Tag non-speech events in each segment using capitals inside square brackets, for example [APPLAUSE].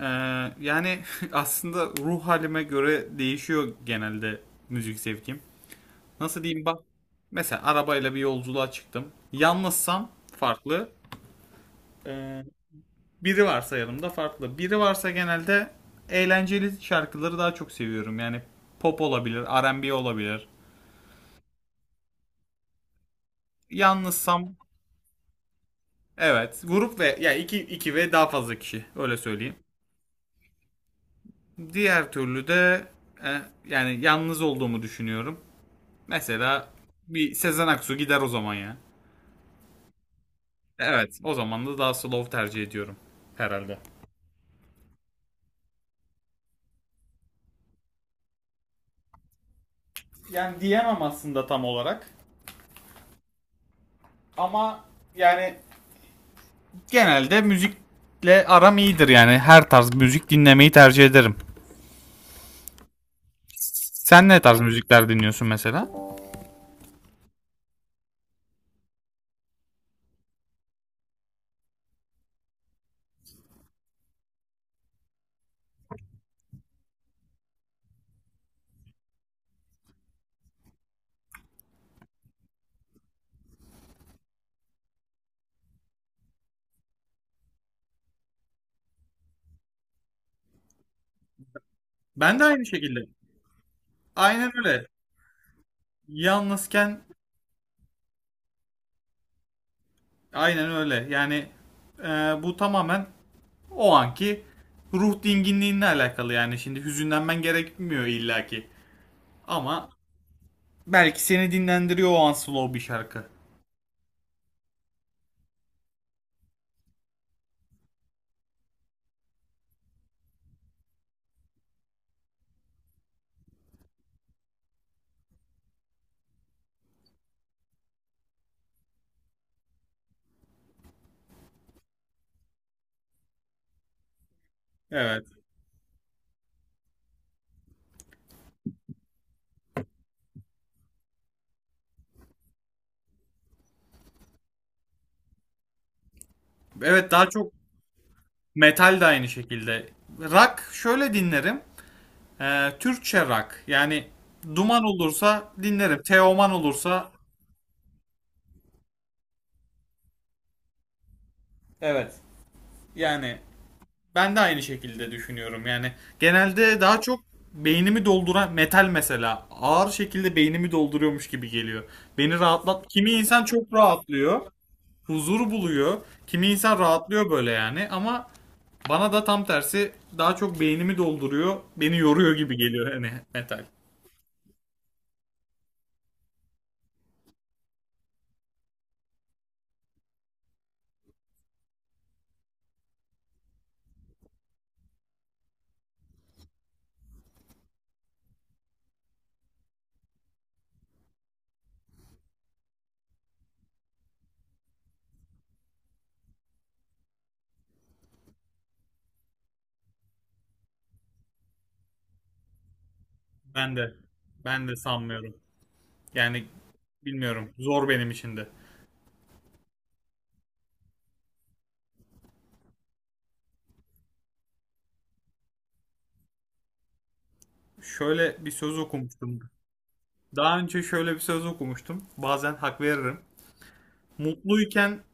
Ee, yani [LAUGHS] aslında ruh halime göre değişiyor genelde müzik zevkim. Nasıl diyeyim bak. Mesela arabayla bir yolculuğa çıktım. Yalnızsam farklı. Ee, Biri varsa yanımda farklı. Biri varsa genelde eğlenceli şarkıları daha çok seviyorum. Yani pop olabilir, R&B olabilir. Yalnızsam evet grup ve ya iki ve daha fazla kişi öyle söyleyeyim. Diğer türlü de e, yani yalnız olduğumu düşünüyorum. Mesela bir Sezen Aksu gider o zaman ya. Evet, o zaman da daha slow tercih ediyorum herhalde. Yani diyemem aslında tam olarak ama yani genelde müzikle aram iyidir yani. Her tarz müzik dinlemeyi tercih ederim. Sen ne tarz müzikler dinliyorsun mesela? Ben de aynı şekilde. Aynen öyle. Yalnızken aynen öyle. Yani e, bu tamamen o anki ruh dinginliğinle alakalı yani. Şimdi hüzünlenmen gerekmiyor illaki. Ama belki seni dinlendiriyor o an slow bir şarkı. Evet. Evet, daha çok metal de aynı şekilde. Rock şöyle dinlerim. Türkçe rock. Yani Duman olursa dinlerim. Teoman olursa evet. Yani ben de aynı şekilde düşünüyorum. Yani genelde daha çok beynimi dolduran metal mesela ağır şekilde beynimi dolduruyormuş gibi geliyor. Beni rahatlat. Kimi insan çok rahatlıyor, huzur buluyor. Kimi insan rahatlıyor böyle yani, ama bana tam tersi daha çok beynimi dolduruyor, beni yoruyor gibi geliyor hani metal. Ben de ben de sanmıyorum. Yani bilmiyorum. Zor benim için de. Şöyle bir söz okumuştum. Daha önce şöyle bir söz okumuştum. Bazen hak veririm. Mutluyken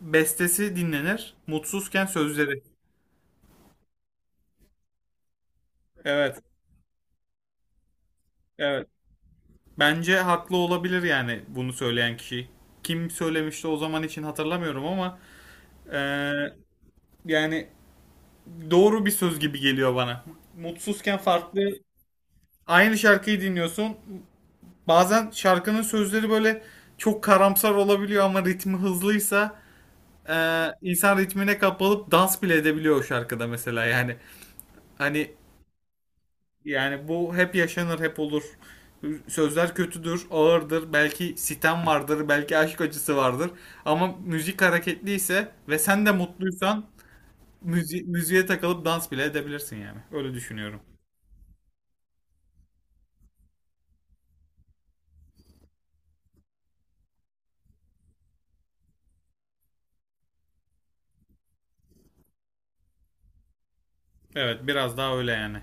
bestesi dinlenir, mutsuzken sözleri. Evet, evet. Bence haklı olabilir yani bunu söyleyen kişi. Kim söylemişti o zaman için hatırlamıyorum ama Ee, yani doğru bir söz gibi geliyor bana. Mutsuzken farklı aynı şarkıyı dinliyorsun. Bazen şarkının sözleri böyle çok karamsar olabiliyor ama ritmi hızlıysa insan ritmine kapılıp dans bile edebiliyor o şarkıda mesela yani. Hani yani bu hep yaşanır, hep olur. Sözler kötüdür, ağırdır, belki sitem vardır, belki aşk acısı vardır. Ama müzik hareketliyse ve sen de mutluysan müziğe takılıp dans bile edebilirsin yani. Öyle düşünüyorum. Evet, biraz daha öyle yani.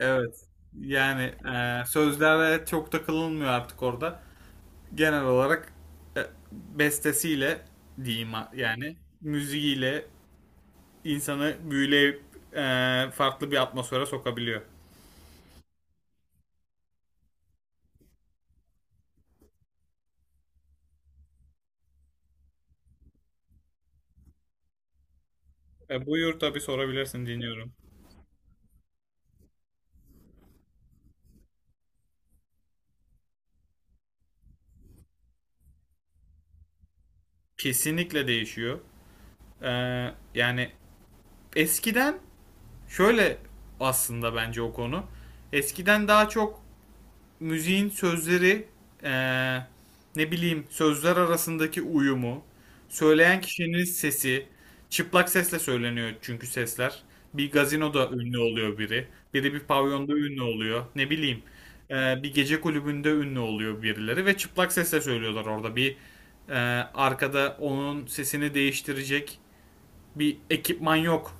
Evet. Yani sözlere çok takılınmıyor artık orada. Genel olarak e, bestesiyle diyeyim yani müziğiyle insanı büyüleyip e, farklı bir atmosfere sokabiliyor. E, buyur tabii sorabilirsin, dinliyorum. Kesinlikle değişiyor. E, yani eskiden şöyle, aslında bence o konu. Eskiden daha çok müziğin sözleri, eee, ne bileyim, sözler arasındaki uyumu, söyleyen kişinin sesi, çıplak sesle söyleniyor çünkü sesler. Bir gazinoda ünlü oluyor biri, biri bir pavyonda ünlü oluyor, ne bileyim bir gece kulübünde ünlü oluyor birileri ve çıplak sesle söylüyorlar orada bir eee, arkada onun sesini değiştirecek bir ekipman yok.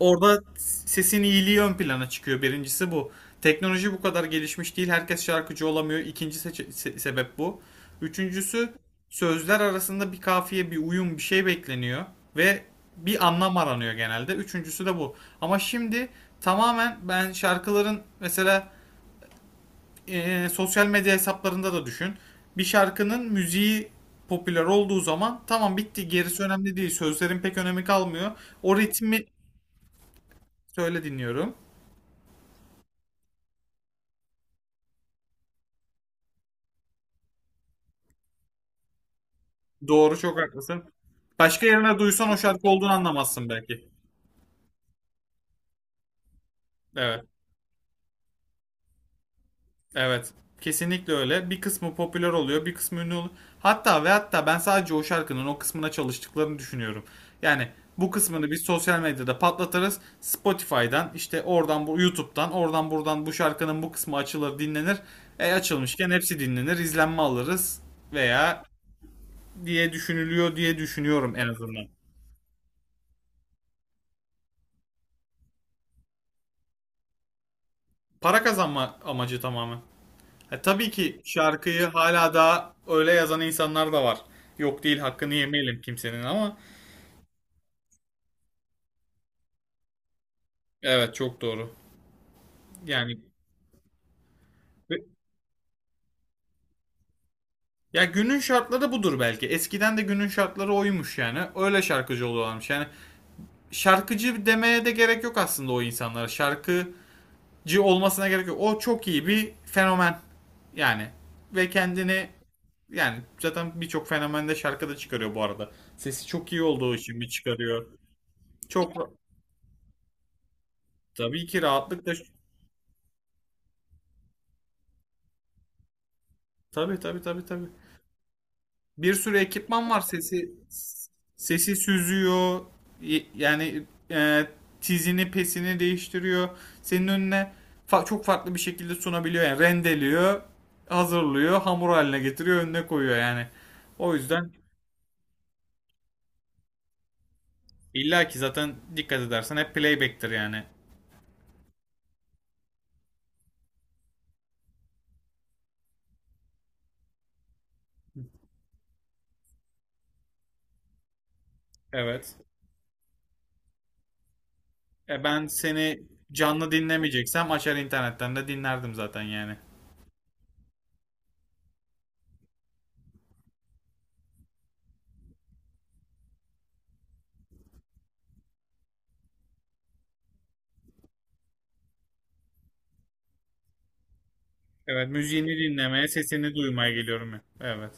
Orada sesin iyiliği ön plana çıkıyor. Birincisi bu. Teknoloji bu kadar gelişmiş değil. Herkes şarkıcı olamıyor. İkinci sebep bu. Üçüncüsü sözler arasında bir kafiye, bir uyum, bir şey bekleniyor. Ve bir anlam aranıyor genelde. Üçüncüsü de bu. Ama şimdi tamamen ben şarkıların mesela sosyal medya hesaplarında da düşün. Bir şarkının müziği popüler olduğu zaman tamam bitti, gerisi önemli değil. Sözlerin pek önemi kalmıyor. O ritmi söyle dinliyorum. Doğru, çok haklısın. Başka yerine duysan o şarkı olduğunu anlamazsın belki. Evet. Evet. Kesinlikle öyle. Bir kısmı popüler oluyor, bir kısmı ünlü oluyor. Hatta ve hatta ben sadece o şarkının o kısmına çalıştıklarını düşünüyorum. Yani bu kısmını biz sosyal medyada patlatırız. Spotify'dan işte oradan bu YouTube'dan oradan buradan bu şarkının bu kısmı açılır dinlenir. E açılmışken hepsi dinlenir, izlenme alırız veya diye düşünülüyor diye düşünüyorum en azından. Para kazanma amacı tamamen. E, tabii ki şarkıyı hala daha öyle yazan insanlar da var. Yok değil, hakkını yemeyelim kimsenin, ama evet, çok doğru. Yani ya günün şartları budur belki. Eskiden de günün şartları oymuş yani. Öyle şarkıcı oluyorlarmış. Yani şarkıcı demeye de gerek yok aslında o insanlara. Şarkıcı olmasına gerek yok. O çok iyi bir fenomen yani. Ve kendini, yani zaten birçok fenomende şarkı da çıkarıyor bu arada. Sesi çok iyi olduğu için mi çıkarıyor? Çok tabii ki rahatlıkla tabii. Bir sürü ekipman var. Sesi süzüyor. Yani e, tizini pesini değiştiriyor. Senin önüne çok farklı bir şekilde sunabiliyor. Yani rendeliyor, hazırlıyor, hamur haline getiriyor, önüne koyuyor yani. O yüzden illa ki zaten dikkat edersen hep playback'tir yani. Evet. E, ben seni canlı dinlemeyeceksem açar internetten de dinlerdim zaten yani. Evet, müziğini dinlemeye, sesini duymaya geliyorum ya. Evet.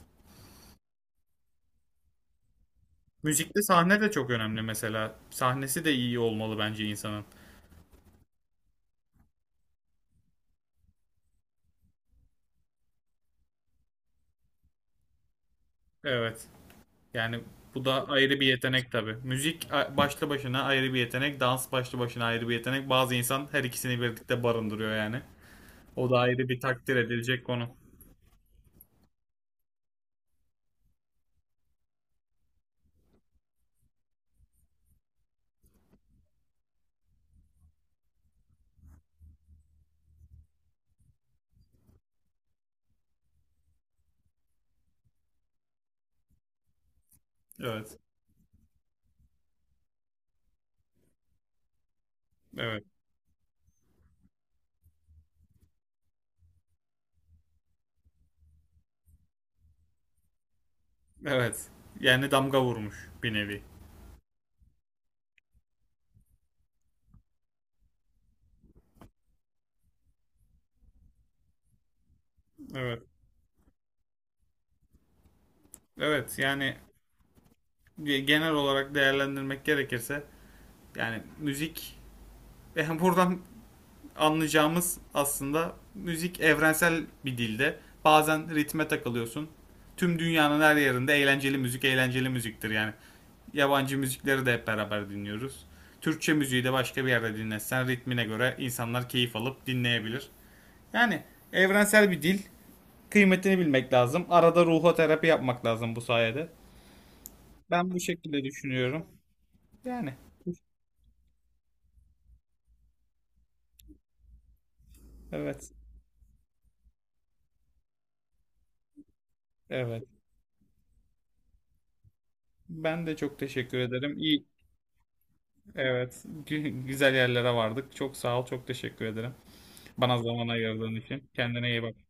Müzikte sahne de çok önemli mesela. Sahnesi de iyi olmalı bence insanın. Evet. Yani bu da ayrı bir yetenek tabii. Müzik başlı başına ayrı bir yetenek, dans başlı başına ayrı bir yetenek. Bazı insan her ikisini birlikte barındırıyor yani. O da ayrı bir takdir edilecek konu. Evet. Evet. Evet. Yani damga vurmuş bir nevi. Evet. Evet. Yani genel olarak değerlendirmek gerekirse yani müzik [LAUGHS] yani buradan anlayacağımız aslında müzik evrensel bir dilde. Bazen ritme takılıyorsun. Tüm dünyanın her yerinde eğlenceli müzik eğlenceli müziktir yani. Yabancı müzikleri de hep beraber dinliyoruz. Türkçe müziği de başka bir yerde dinlesen ritmine göre insanlar keyif alıp dinleyebilir. Yani evrensel bir dil. Kıymetini bilmek lazım. Arada ruho terapi yapmak lazım bu sayede. Ben bu şekilde düşünüyorum. Yani evet. Evet. Ben de çok teşekkür ederim. İyi, evet, güzel yerlere vardık. Çok sağ ol, çok teşekkür ederim. Bana zaman ayırdığın için. Kendine iyi bak.